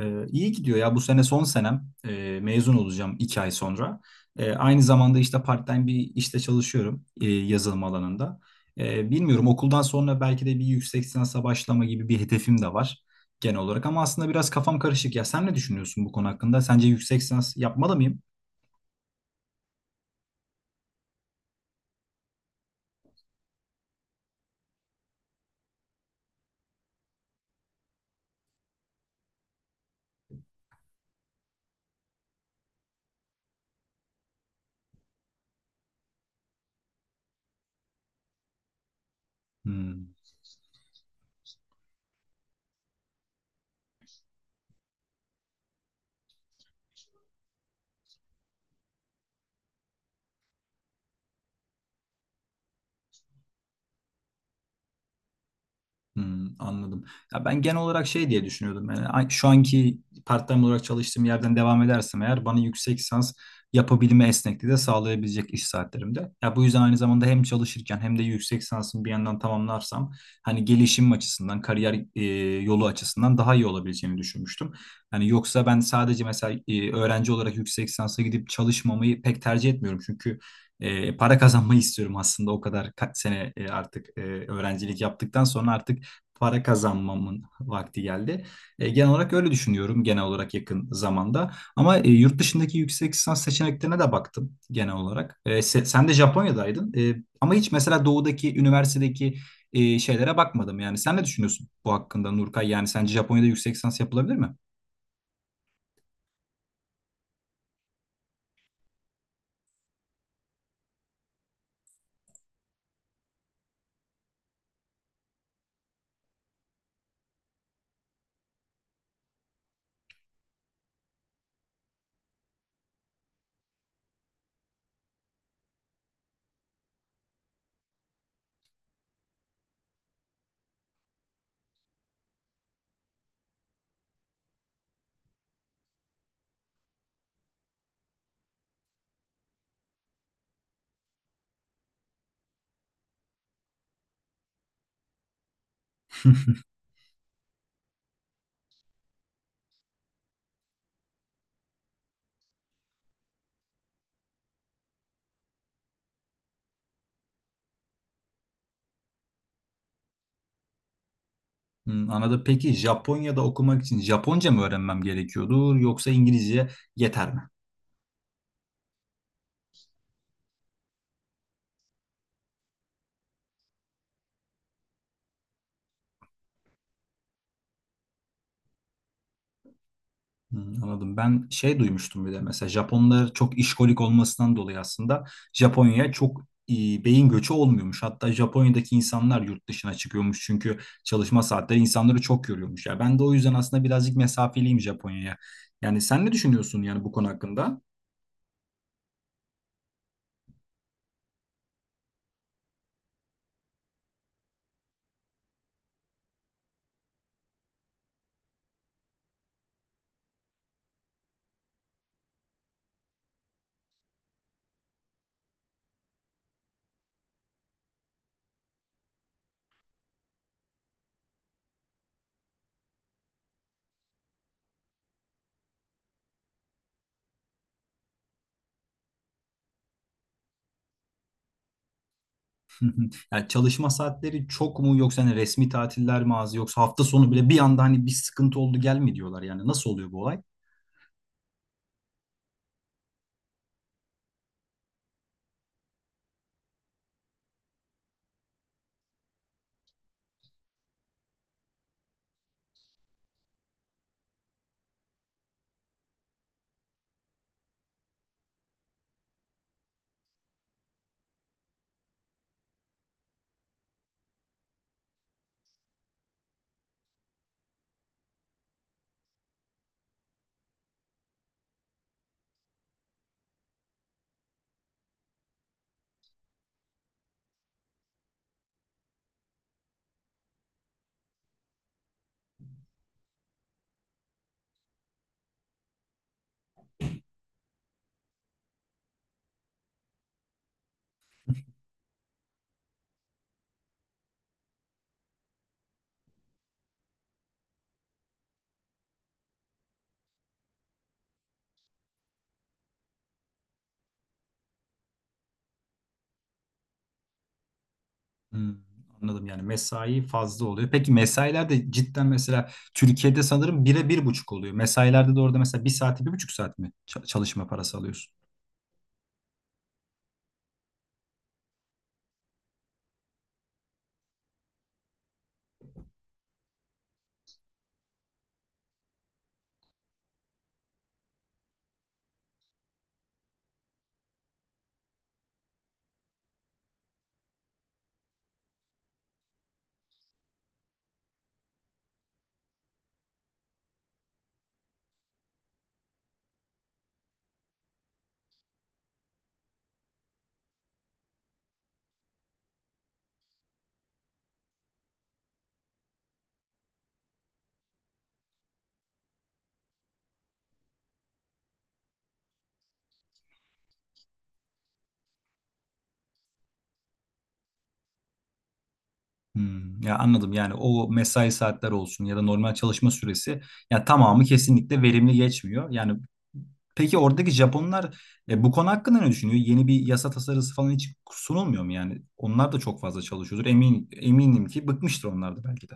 İyi gidiyor ya, bu sene son senem. Mezun olacağım 2 ay sonra. Aynı zamanda işte part-time bir işte çalışıyorum, yazılım alanında. Bilmiyorum, okuldan sonra belki de bir yüksek lisansa başlama gibi bir hedefim de var genel olarak, ama aslında biraz kafam karışık ya. Sen ne düşünüyorsun bu konu hakkında? Sence yüksek lisans yapmalı mıyım? Hmm. Hmm, anladım. Ya ben genel olarak şey diye düşünüyordum. Yani şu anki part-time olarak çalıştığım yerden devam edersem eğer bana yüksek lisans yapabilme esnekliği de sağlayabilecek iş saatlerimde. Ya bu yüzden aynı zamanda hem çalışırken hem de yüksek lisansımı bir yandan tamamlarsam hani gelişim açısından, kariyer yolu açısından daha iyi olabileceğini düşünmüştüm. Yani yoksa ben sadece mesela öğrenci olarak yüksek lisansa gidip çalışmamayı pek tercih etmiyorum. Çünkü para kazanmayı istiyorum aslında, o kadar kaç sene artık öğrencilik yaptıktan sonra artık para kazanmamın vakti geldi. Genel olarak öyle düşünüyorum, genel olarak yakın zamanda. Ama yurt dışındaki yüksek lisans seçeneklerine de baktım genel olarak. Sen de Japonya'daydın. Ama hiç mesela doğudaki üniversitedeki şeylere bakmadım. Yani sen ne düşünüyorsun bu hakkında, Nurkay? Yani sence Japonya'da yüksek lisans yapılabilir mi? Hmm, anladım. Peki Japonya'da okumak için Japonca mı öğrenmem gerekiyordur, yoksa İngilizce yeter mi? Hmm, anladım. Ben şey duymuştum, bir de mesela Japonlar çok işkolik olmasından dolayı aslında Japonya'ya çok e, beyin göçü olmuyormuş. Hatta Japonya'daki insanlar yurt dışına çıkıyormuş çünkü çalışma saatleri insanları çok yoruyormuş. Ya ben de o yüzden aslında birazcık mesafeliyim Japonya'ya. Yani sen ne düşünüyorsun, yani bu konu hakkında? Yani çalışma saatleri çok mu, yoksa hani resmi tatiller mi az, yoksa hafta sonu bile bir anda hani bir sıkıntı oldu gelme diyorlar, yani nasıl oluyor bu olay? Hmm, anladım, yani mesai fazla oluyor. Peki mesailer de cidden, mesela Türkiye'de sanırım bire bir buçuk oluyor. Mesailerde de orada mesela bir saati bir buçuk saat mi çalışma parası alıyorsun? Hmm, ya anladım, yani o mesai saatler olsun ya da normal çalışma süresi, ya tamamı kesinlikle verimli geçmiyor. Yani peki oradaki Japonlar bu konu hakkında ne düşünüyor? Yeni bir yasa tasarısı falan hiç sunulmuyor mu yani? Onlar da çok fazla çalışıyordur. Eminim ki bıkmıştır onlar da belki de.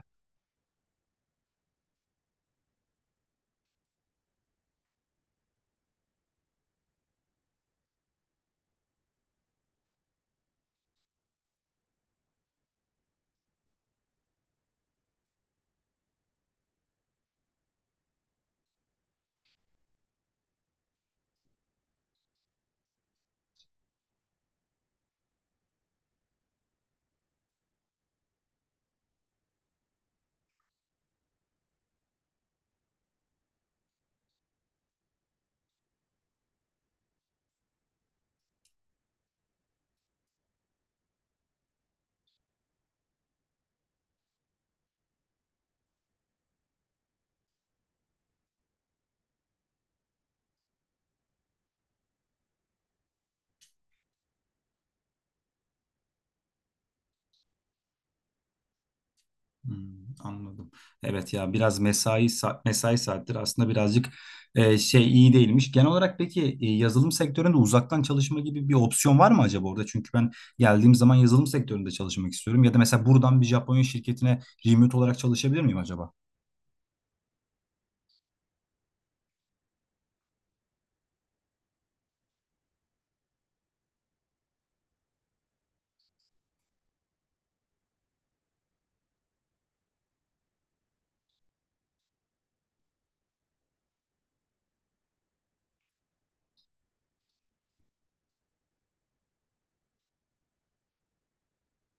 Hmm, anladım. Evet ya, biraz mesai mesai saatleri aslında birazcık şey iyi değilmiş. Genel olarak peki yazılım sektöründe uzaktan çalışma gibi bir opsiyon var mı acaba orada? Çünkü ben geldiğim zaman yazılım sektöründe çalışmak istiyorum. Ya da mesela buradan bir Japonya şirketine remote olarak çalışabilir miyim acaba?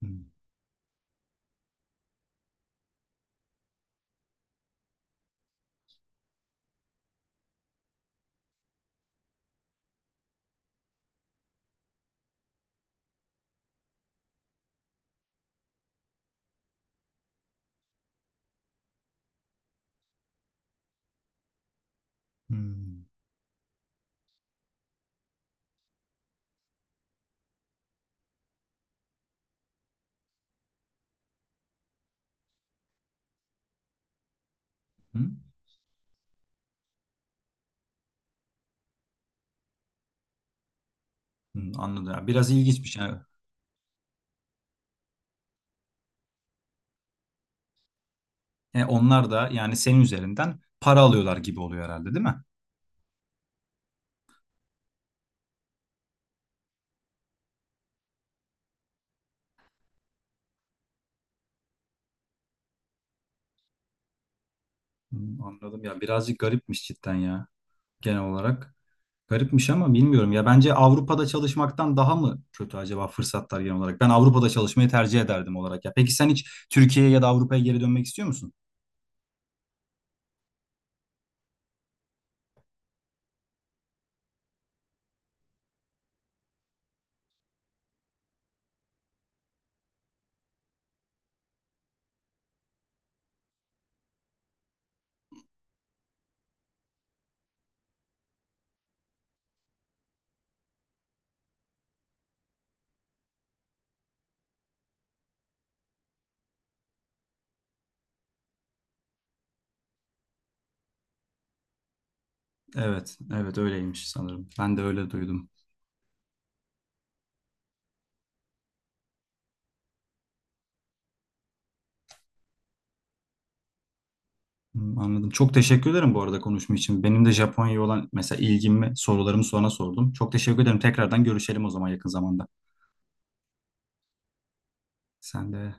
Hmm, hmm, hmm, hmm, anladım. Ya, biraz ilginçmiş yani. Onlar da yani senin üzerinden para alıyorlar gibi oluyor herhalde, değil mi? Hmm, anladım ya. Birazcık garipmiş cidden ya, genel olarak. Garipmiş, ama bilmiyorum ya, bence Avrupa'da çalışmaktan daha mı kötü acaba fırsatlar genel olarak? Ben Avrupa'da çalışmayı tercih ederdim olarak ya. Peki sen hiç Türkiye'ye ya da Avrupa'ya geri dönmek istiyor musun? Evet, evet, öyleymiş sanırım. Ben de öyle duydum. Hmm, anladım. Çok teşekkür ederim bu arada konuşma için. Benim de Japonya'ya olan mesela ilgimi, sorularımı sonra sordum. Çok teşekkür ederim. Tekrardan görüşelim o zaman yakın zamanda. Sen de